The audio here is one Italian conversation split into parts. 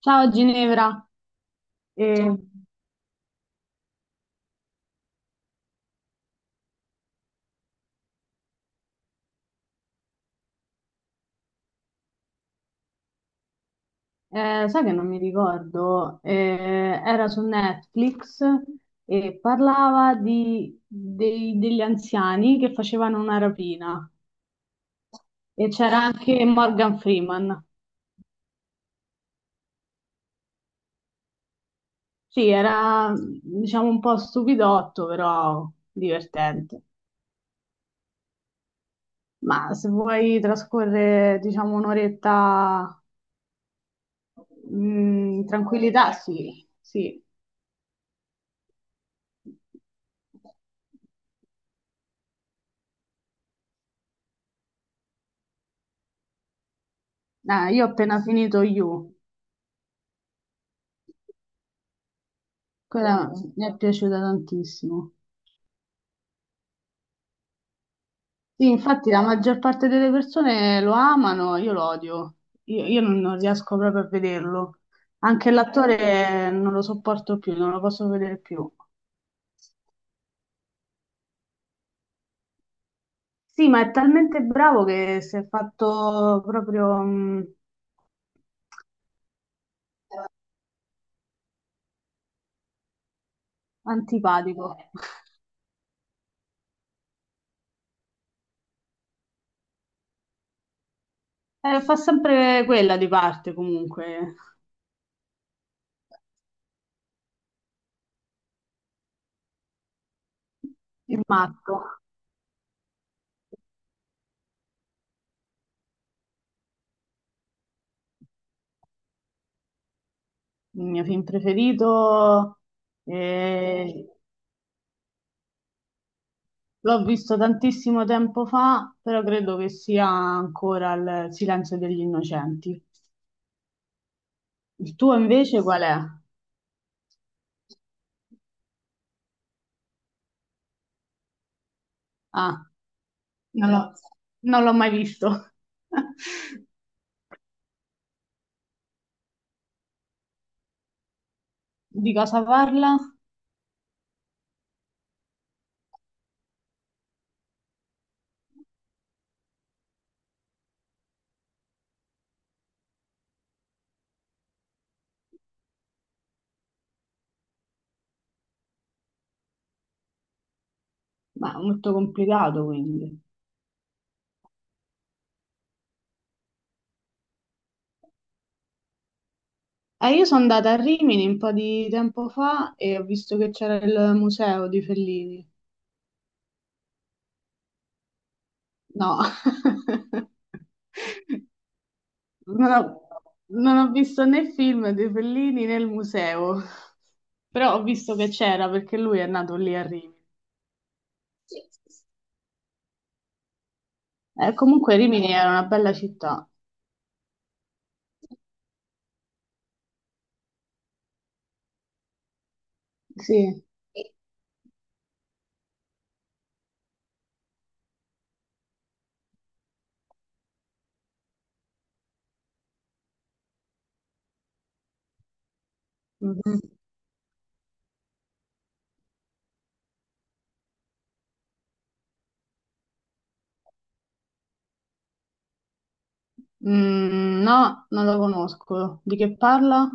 Ciao Ginevra. Ciao. Sai che non mi ricordo, era su Netflix e parlava degli anziani che facevano una rapina e c'era anche Morgan Freeman. Sì, era diciamo un po' stupidotto, però divertente. Ma se vuoi trascorrere diciamo un'oretta in tranquillità, sì, sì. Ah, io ho appena finito You, quella mi è piaciuta tantissimo. Sì, infatti la maggior parte delle persone lo amano, io lo odio, io non riesco proprio a vederlo. Anche l'attore non lo sopporto più, non lo posso vedere più. Sì, ma è talmente bravo che si è fatto proprio antipatico. Fa sempre quella di parte comunque, il matto. Il mio film preferito, eh, l'ho visto tantissimo tempo fa, però credo che sia ancora il Silenzio degli Innocenti. Il tuo invece qual è? Ah, non l'ho non l'ho mai visto. Di cosa parla? Ma è molto complicato, quindi. Io sono andata a Rimini un po' di tempo fa e ho visto che c'era il museo di Fellini. No. Non ho, non ho visto né film di Fellini né il museo, però ho visto che c'era perché lui è nato lì a Rimini. Comunque Rimini era una bella città. Sì. Mhm. Mm, no, non lo conosco. Di che parla?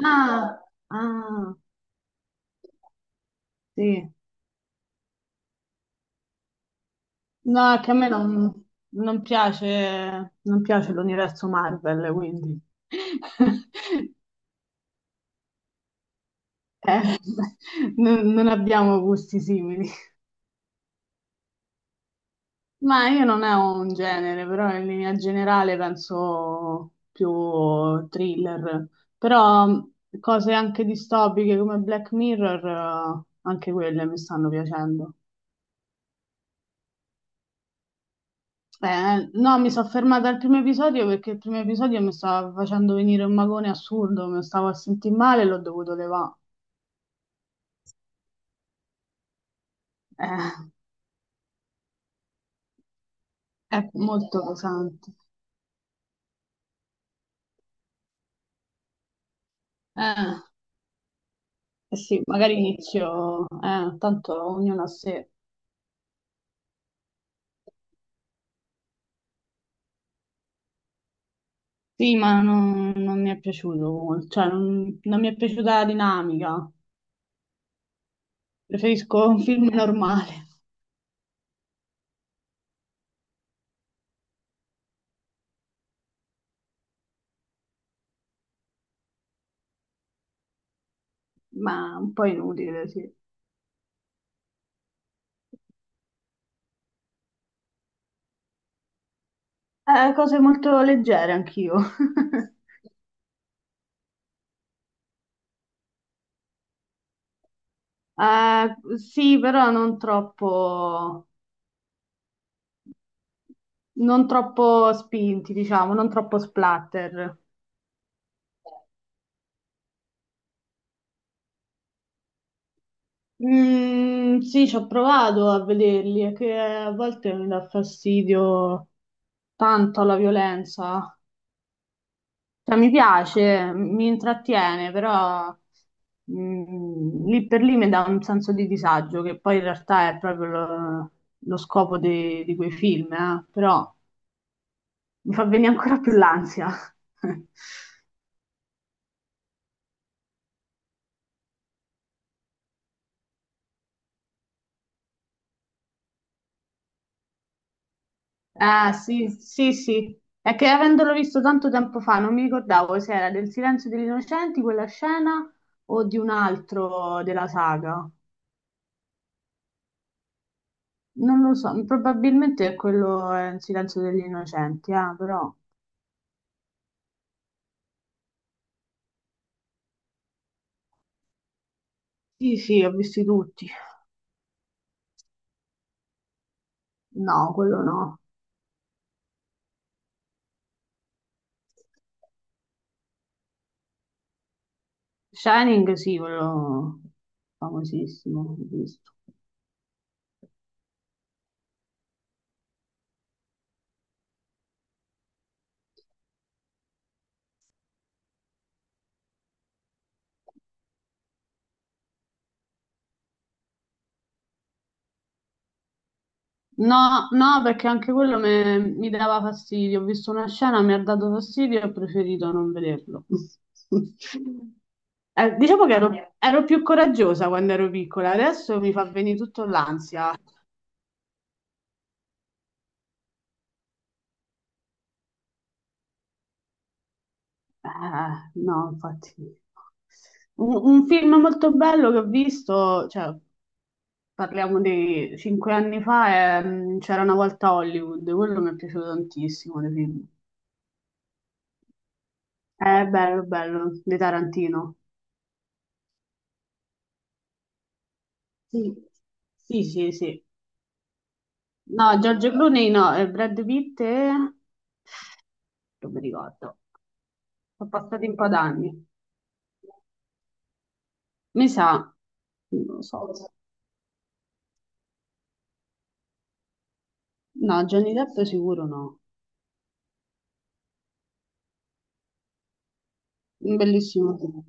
Ah, ah, sì. No, è che a me non piace l'universo Marvel, quindi. Eh, non abbiamo gusti simili. Ma io non ho un genere, però in linea generale penso più thriller, però cose anche distopiche come Black Mirror, anche quelle mi stanno piacendo. No, mi sono fermata al primo episodio perché il primo episodio mi stava facendo venire un magone assurdo, mi stavo a sentire male e l'ho dovuto levare. Eh, è molto pesante. Eh, eh sì, magari inizio, tanto ognuno a sé. Sì, ma non mi è piaciuto molto, cioè non mi è piaciuta la dinamica. Preferisco un film normale, ma un po' inutile, sì. Cose molto leggere anch'io. Sì, però non troppo spinti, diciamo, non troppo splatter. Mm, sì, ci ho provato a vederli, è che a volte mi dà fastidio tanto la violenza. Cioè, mi piace, mi intrattiene, però lì per lì mi dà un senso di disagio, che poi in realtà è proprio lo scopo di quei film, eh. Però mi fa venire ancora più l'ansia. Ah, sì, sì, sì. È che avendolo visto tanto tempo fa, non mi ricordavo se era del Silenzio degli Innocenti quella scena o di un altro della saga. Non lo so, probabilmente quello è il Silenzio degli Innocenti, ah, però. Sì, sì, ho visti tutti. No, quello no. Shining sì, quello famosissimo, ho visto. No, no, perché anche quello mi dava fastidio. Ho visto una scena, mi ha dato fastidio e ho preferito non vederlo. Diciamo che ero più coraggiosa quando ero piccola, adesso mi fa venire tutto l'ansia. Ah, no, infatti. Un film molto bello che ho visto, cioè, parliamo di 5 anni fa, è, C'era una volta Hollywood, quello mi è piaciuto tantissimo dei film. È bello, bello, di Tarantino. Sì, sì, sì, sì. No, George Clooney no, e Brad Pitt e non mi ricordo. Sono passati un po' d'anni. Mi sa, non lo so. No, Johnny Depp sicuro no. Un bellissimo film.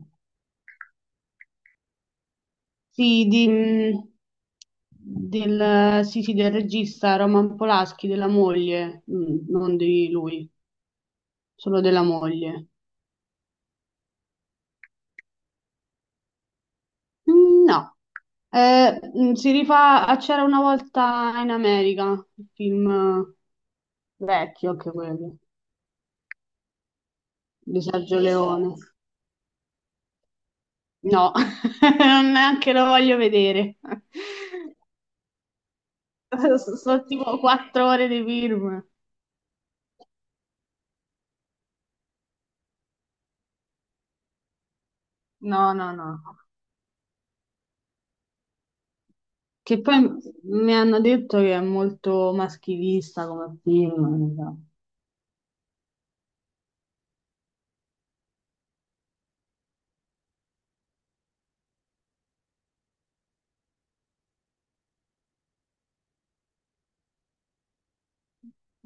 Sì, del, sì, sì, del regista Roman Polanski, della moglie. Non di lui, solo della moglie. Mm, no. Si rifà a C'era una volta in America, un film vecchio anche quello, di Sergio Leone. No, non neanche lo voglio vedere. Sono tipo 4 ore di film. No, no, no. Che poi mi hanno detto che è molto maschilista come film,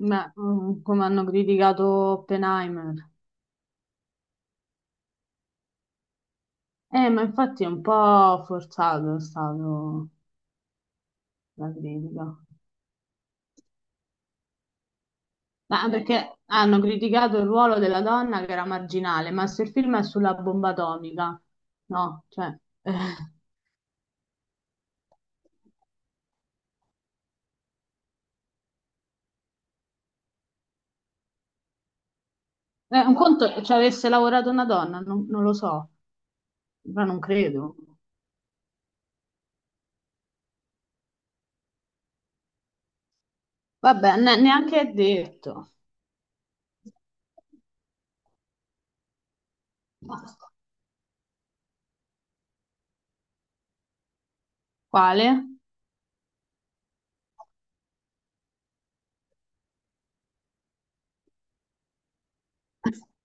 ma come hanno criticato Oppenheimer. Ma infatti è un po' forzato è stato la critica. Ma perché hanno criticato il ruolo della donna che era marginale, ma se il film è sulla bomba atomica, no, cioè, eh, un conto ci avesse lavorato una donna, non lo so, ma non credo. Vabbè, neanche è detto. Quale?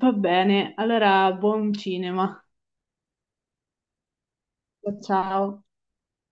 Va bene, allora buon cinema. Ciao.